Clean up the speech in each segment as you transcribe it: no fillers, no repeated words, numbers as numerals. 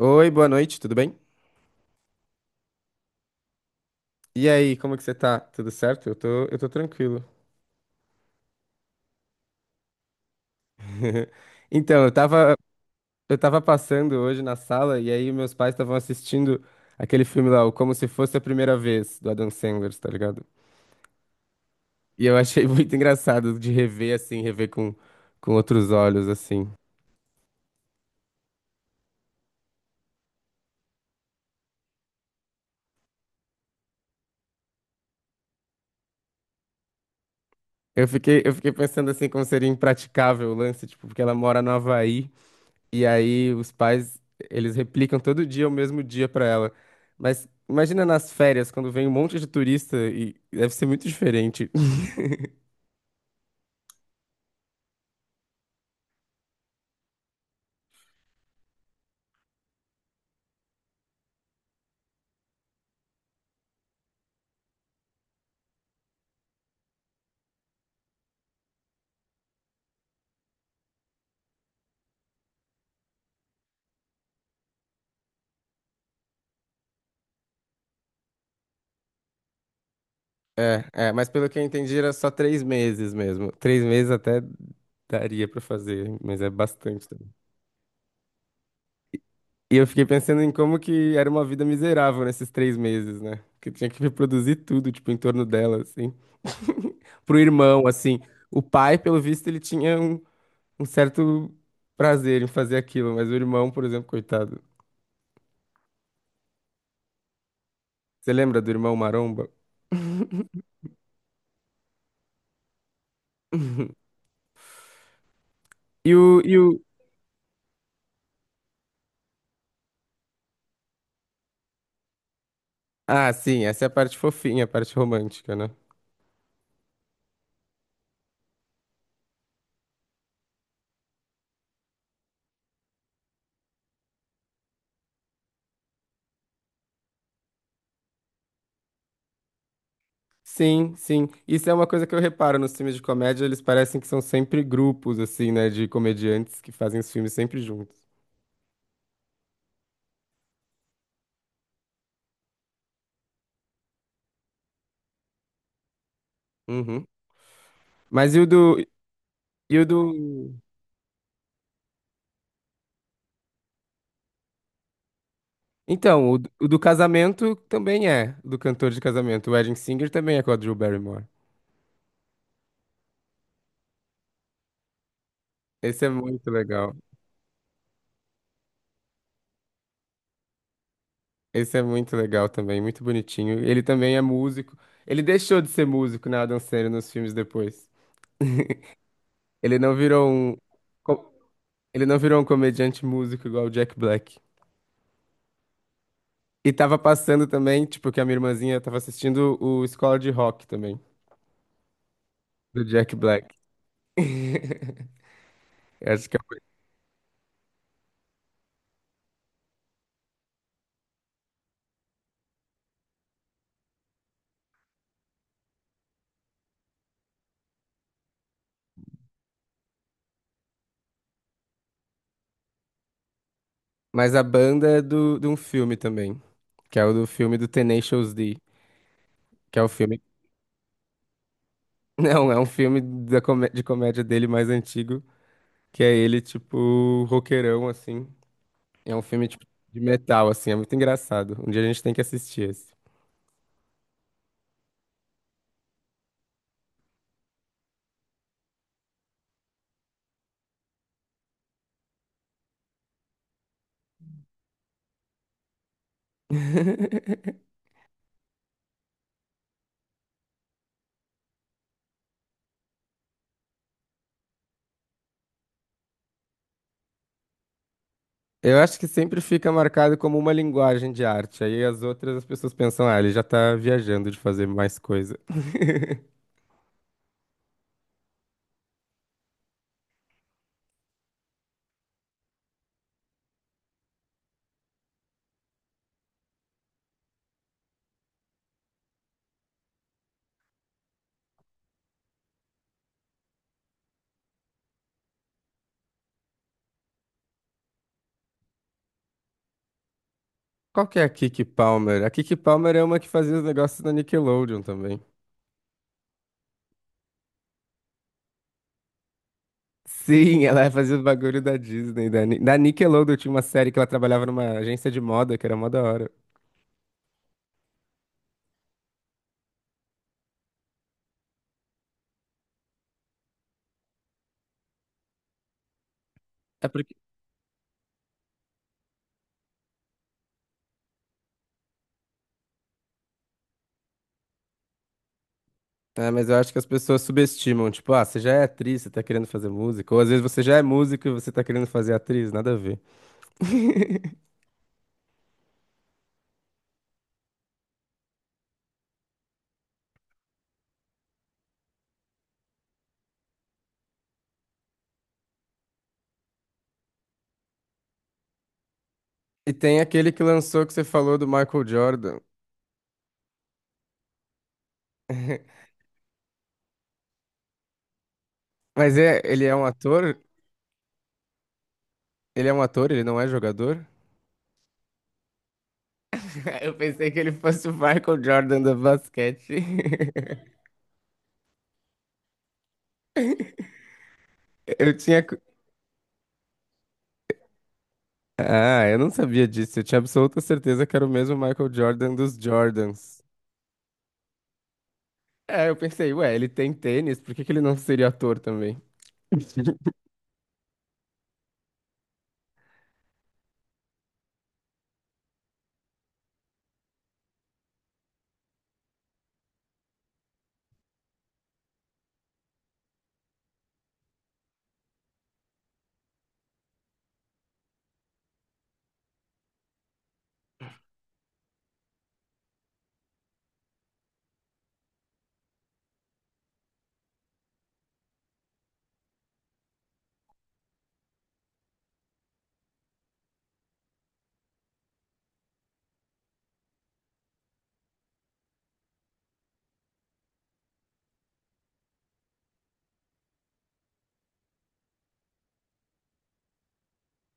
Oi, boa noite, tudo bem? E aí, como que você tá? Tudo certo? Eu tô tranquilo. Então, eu tava passando hoje na sala e aí meus pais estavam assistindo aquele filme lá, o Como Se Fosse a Primeira Vez, do Adam Sandler, tá ligado? E eu achei muito engraçado de rever assim, com outros olhos, assim. Eu fiquei pensando assim como seria impraticável o lance, tipo, porque ela mora no Havaí. E aí os pais, eles replicam todo dia o mesmo dia pra ela. Mas imagina nas férias, quando vem um monte de turista e deve ser muito diferente. É, é, mas pelo que eu entendi era só três meses mesmo. Três meses até daria pra fazer, mas é bastante também. E eu fiquei pensando em como que era uma vida miserável nesses três meses, né? Que tinha que reproduzir tudo, tipo, em torno dela, assim. Pro irmão, assim. O pai, pelo visto, ele tinha um certo prazer em fazer aquilo, mas o irmão, por exemplo, coitado. Você lembra do irmão Maromba? E o, e o... Ah, sim, essa é a parte fofinha, a parte romântica, né? Sim, sim. Isso é uma coisa que eu reparo nos filmes de comédia, eles parecem que são sempre grupos, assim, né, de comediantes que fazem os filmes sempre juntos. Uhum. Mas e o do... E o do... Então, o do casamento também é, do cantor de casamento. O Wedding Singer também é com a Drew Barrymore. Esse é muito legal. Esse é muito legal também, muito bonitinho. Ele também é músico. Ele deixou de ser músico na Adam Sandler nos filmes depois. Ele não virou um co- ele não virou um comediante músico igual o Jack Black. E tava passando também, tipo, que a minha irmãzinha tava assistindo o Escola de Rock também, do Jack Black. Eu acho que é... Mas a banda é de um filme também, que é o do filme do Tenacious D, que é o filme... Não, é um filme de comédia dele mais antigo, que é ele, tipo, roqueirão, assim. É um filme tipo de metal, assim, é muito engraçado. Um dia a gente tem que assistir esse. Eu acho que sempre fica marcado como uma linguagem de arte. Aí as pessoas pensam, ah, ele já tá viajando de fazer mais coisa. Qual que é a Kiki Palmer? A Kiki Palmer é uma que fazia os negócios da Nickelodeon também. Sim, ela fazia os bagulho da Disney, da Nickelodeon. Tinha uma série que ela trabalhava numa agência de moda, que era mó da hora. É porque É, mas eu acho que as pessoas subestimam, tipo, ah, você já é atriz, você tá querendo fazer música, ou às vezes você já é músico e você tá querendo fazer atriz, nada a ver. E tem aquele que lançou que você falou do Michael Jordan. Mas é, ele é um ator? Ele é um ator, ele não é jogador? Eu pensei que ele fosse o Michael Jordan do basquete. Eu tinha. cu- Ah, eu não sabia disso. Eu tinha absoluta certeza que era o mesmo Michael Jordan dos Jordans. É, eu pensei, ué, ele tem tênis, por que que ele não seria ator também?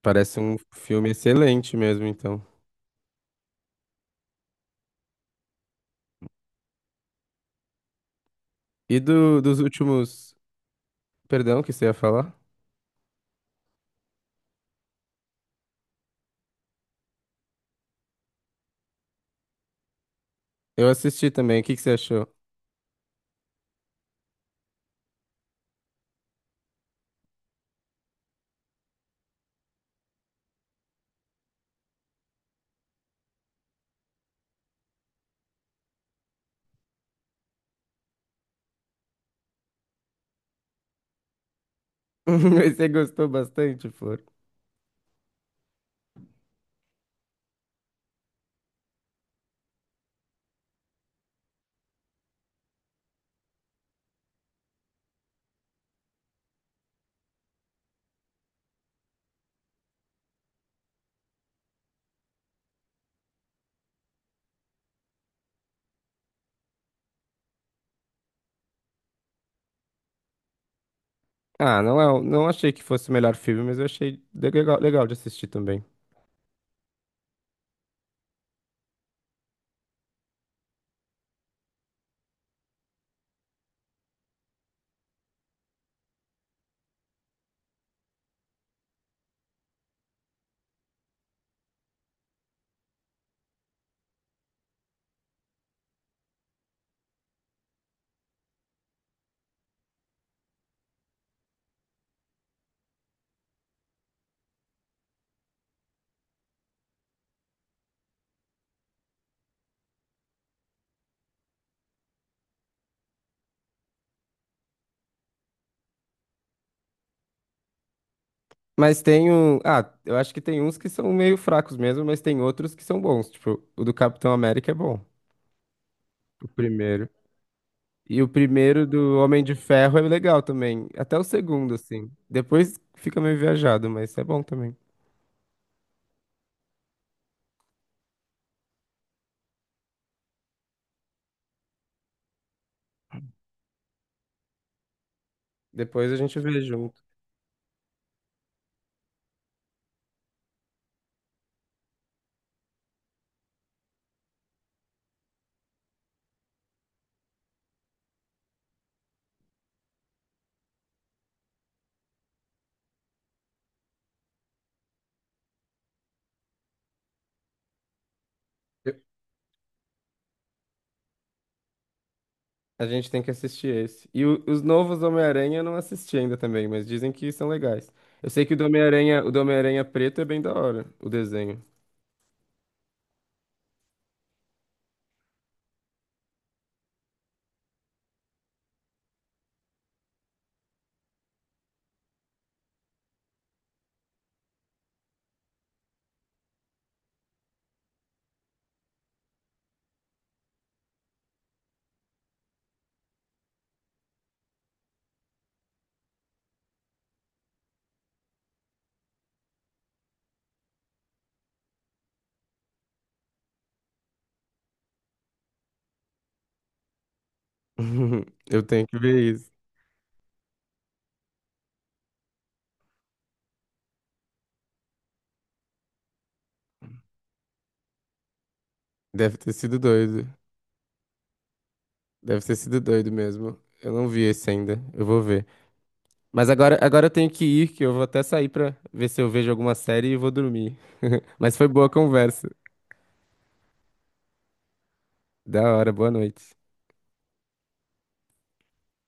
Parece um filme excelente mesmo, então. Dos últimos. Perdão, o que você ia falar? Eu assisti também. O que que você achou? Você gostou bastante, Flor? Ah, não é, não achei que fosse o melhor filme, mas eu achei legal, legal de assistir também. Mas tem um. Ah, eu acho que tem uns que são meio fracos mesmo, mas tem outros que são bons. Tipo, o do Capitão América é bom. O primeiro. E o primeiro do Homem de Ferro é legal também. Até o segundo, assim. Depois fica meio viajado, mas é bom também. Depois a gente vê junto. Eu- A gente tem que assistir esse. Os novos Homem-Aranha eu não assisti ainda também, mas dizem que são legais. Eu sei que o do Homem-Aranha preto é bem da hora, o desenho. Eu tenho que ver isso. Deve ter sido doido. Deve ter sido doido mesmo. Eu não vi esse ainda. Eu vou ver. Mas agora, agora eu tenho que ir, que eu vou até sair pra ver se eu vejo alguma série e vou dormir. Mas foi boa a conversa. Da hora, boa noite.